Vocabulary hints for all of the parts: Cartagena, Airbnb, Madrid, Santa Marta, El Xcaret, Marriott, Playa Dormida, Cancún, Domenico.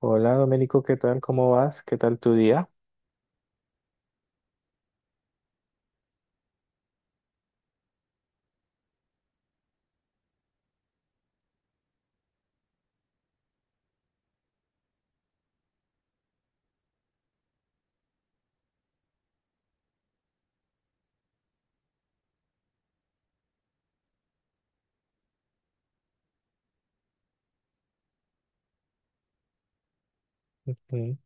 Hola Domenico, ¿qué tal? ¿Cómo vas? ¿Qué tal tu día? Mm,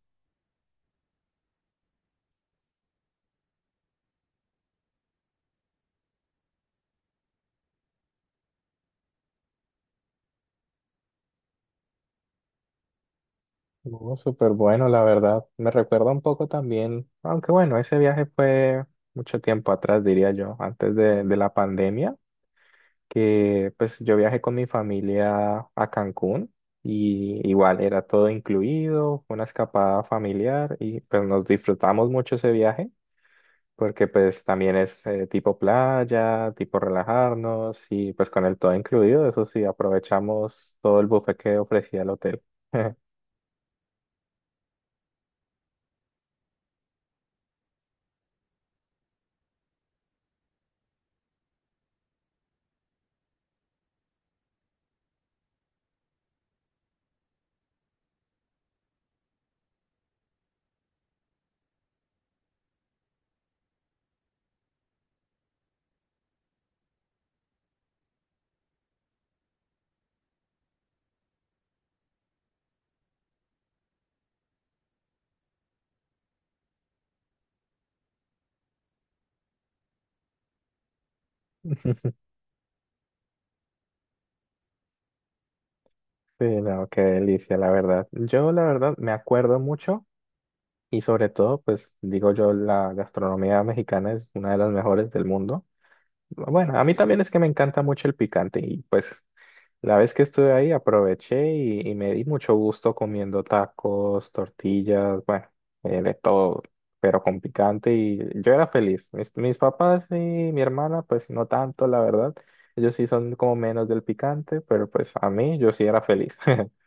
no, súper bueno, la verdad. Me recuerda un poco también, aunque bueno, ese viaje fue mucho tiempo atrás, diría yo, antes de la pandemia, que pues yo viajé con mi familia a Cancún y igual era todo incluido, fue una escapada familiar y pues nos disfrutamos mucho ese viaje. Porque pues también es tipo playa, tipo relajarnos y pues con el todo incluido, eso sí, aprovechamos todo el buffet que ofrecía el hotel. Sí, no, qué delicia, la verdad. Yo la verdad me acuerdo mucho y sobre todo, pues digo yo, la gastronomía mexicana es una de las mejores del mundo. Bueno, a mí también es que me encanta mucho el picante y pues la vez que estuve ahí aproveché y me di mucho gusto comiendo tacos, tortillas, bueno, de todo, pero con picante y yo era feliz. Mis papás y mi hermana, pues no tanto, la verdad. Ellos sí son como menos del picante, pero pues a mí yo sí era feliz.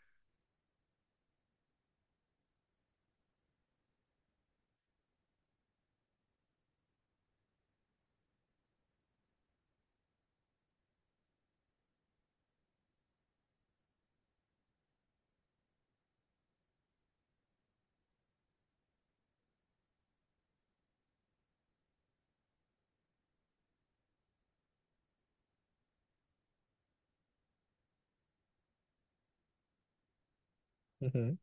Ujú.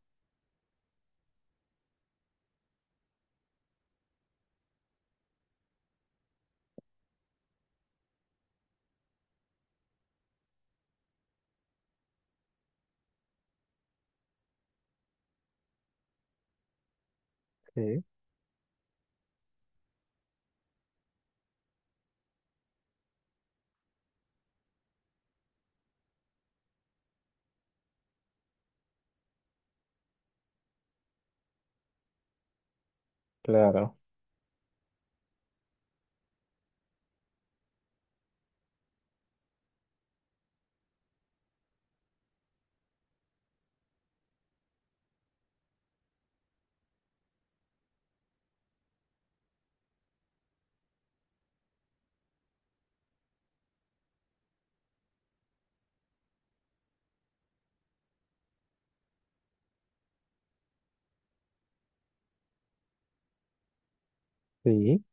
Sí. Claro, sí.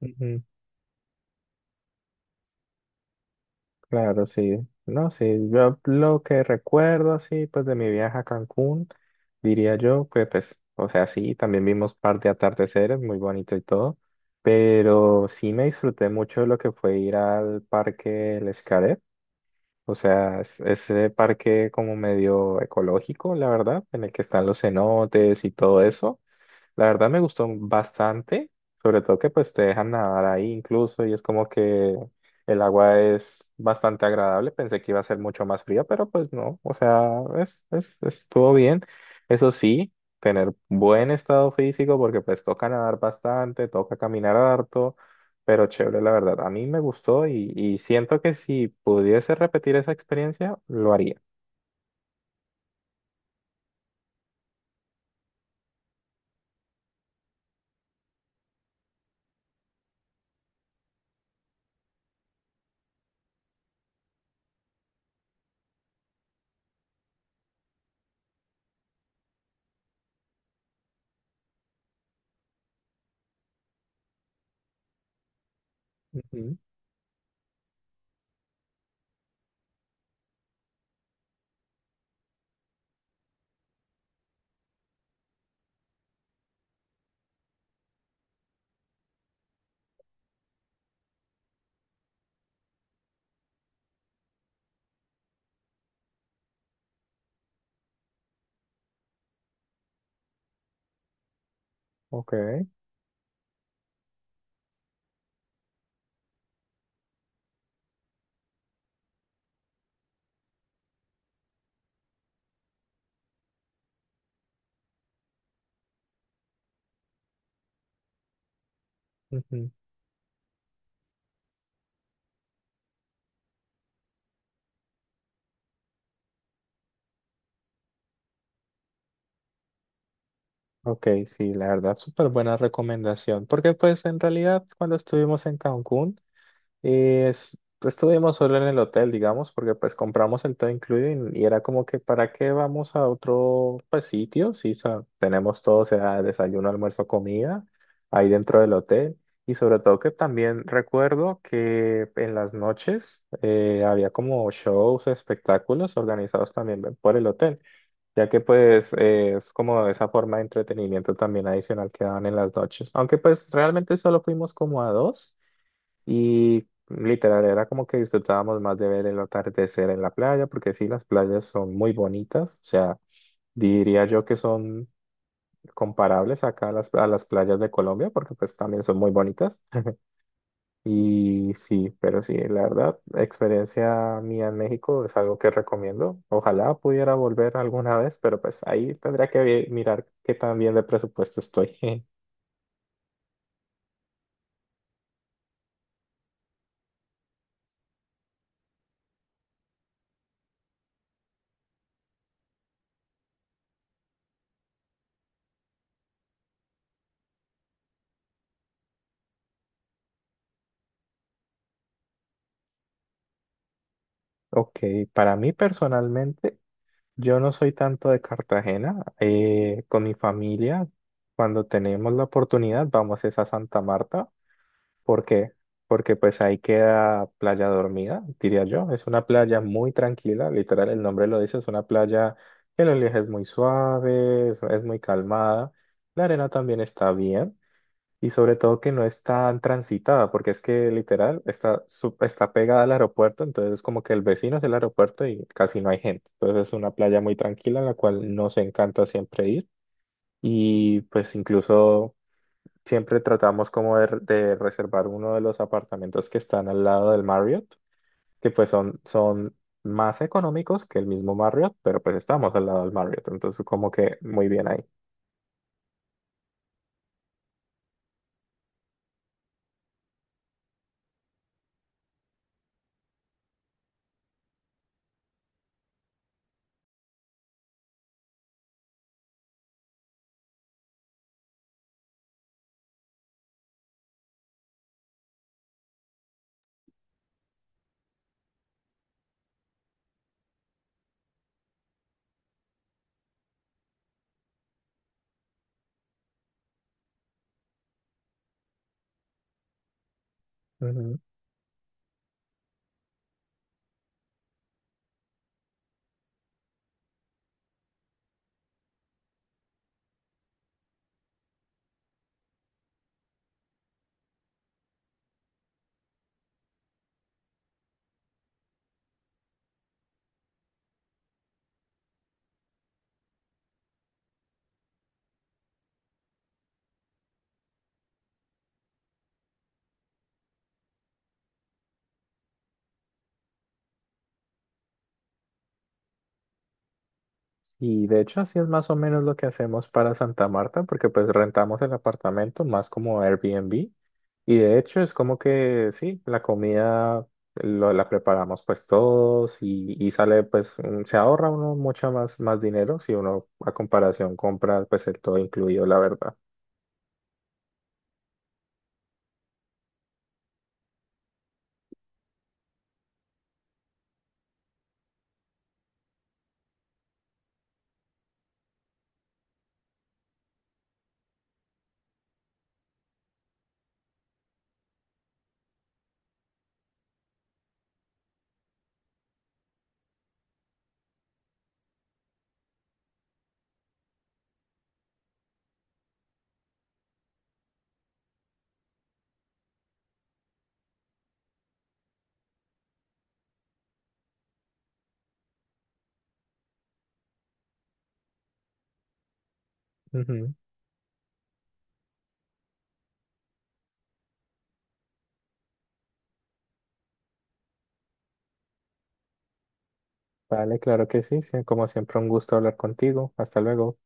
Ujú. Claro, sí. No, sí, yo lo que recuerdo así, pues de mi viaje a Cancún, diría yo que pues, o sea, sí, también vimos parte de atardeceres, muy bonito y todo, pero sí me disfruté mucho lo que fue ir al parque El Xcaret, o sea, ese parque como medio ecológico, la verdad, en el que están los cenotes y todo eso. La verdad me gustó bastante, sobre todo que pues te dejan nadar ahí incluso y es como que el agua es bastante agradable. Pensé que iba a ser mucho más fría, pero pues no, o sea, estuvo bien. Eso sí, tener buen estado físico porque pues toca nadar bastante, toca caminar harto, pero chévere, la verdad. A mí me gustó y siento que si pudiese repetir esa experiencia, lo haría. Ujú. Ok. Ujú. Ok, sí, la verdad, súper buena recomendación, porque pues en realidad cuando estuvimos en Cancún, eh, es- estuvimos solo en el hotel, digamos, porque pues compramos el todo incluido y era como que ¿para qué vamos a otro pues, sitio? Sí, tenemos todo, o sea, desayuno, almuerzo, comida ahí dentro del hotel y sobre todo que también recuerdo que en las noches había como shows, espectáculos organizados también por el hotel ya que pues es como esa forma de entretenimiento también adicional que daban en las noches. Aunque pues realmente solo fuimos como a dos y literal era como que disfrutábamos más de ver el atardecer en la playa, porque sí, las playas son muy bonitas, o sea, diría yo que son comparables acá a a las playas de Colombia, porque pues también son muy bonitas. Y sí, pero sí, la verdad, experiencia mía en México es algo que recomiendo. Ojalá pudiera volver alguna vez, pero pues ahí tendría que mirar qué tan bien de presupuesto estoy. Ok, para mí personalmente, yo no soy tanto de Cartagena. Eh, con mi familia, cuando tenemos la oportunidad, vamos es a Santa Marta. ¿Por qué? Porque pues ahí queda Playa Dormida, diría yo. Es una playa muy tranquila, literal, el nombre lo dice, es una playa que el oleaje es muy suave, es muy calmada. La arena también está bien y sobre todo que no es tan transitada, porque es que literal está, está pegada al aeropuerto, entonces es como que el vecino es el aeropuerto y casi no hay gente. Entonces es una playa muy tranquila en la cual nos encanta siempre ir y pues incluso siempre tratamos como de reservar uno de los apartamentos que están al lado del Marriott, que pues son más económicos que el mismo Marriott, pero pues estamos al lado del Marriott, entonces como que muy bien ahí. Ujú. Y de hecho así es más o menos lo que hacemos para Santa Marta, porque pues rentamos el apartamento más como Airbnb. Y de hecho es como que sí, la comida la preparamos pues todos y sale pues mm, se ahorra uno mucho más, más dinero si uno a comparación compra pues el todo incluido, la verdad. Ujú. Vale, claro que sí, sí, como siempre un gusto hablar contigo. Hasta luego.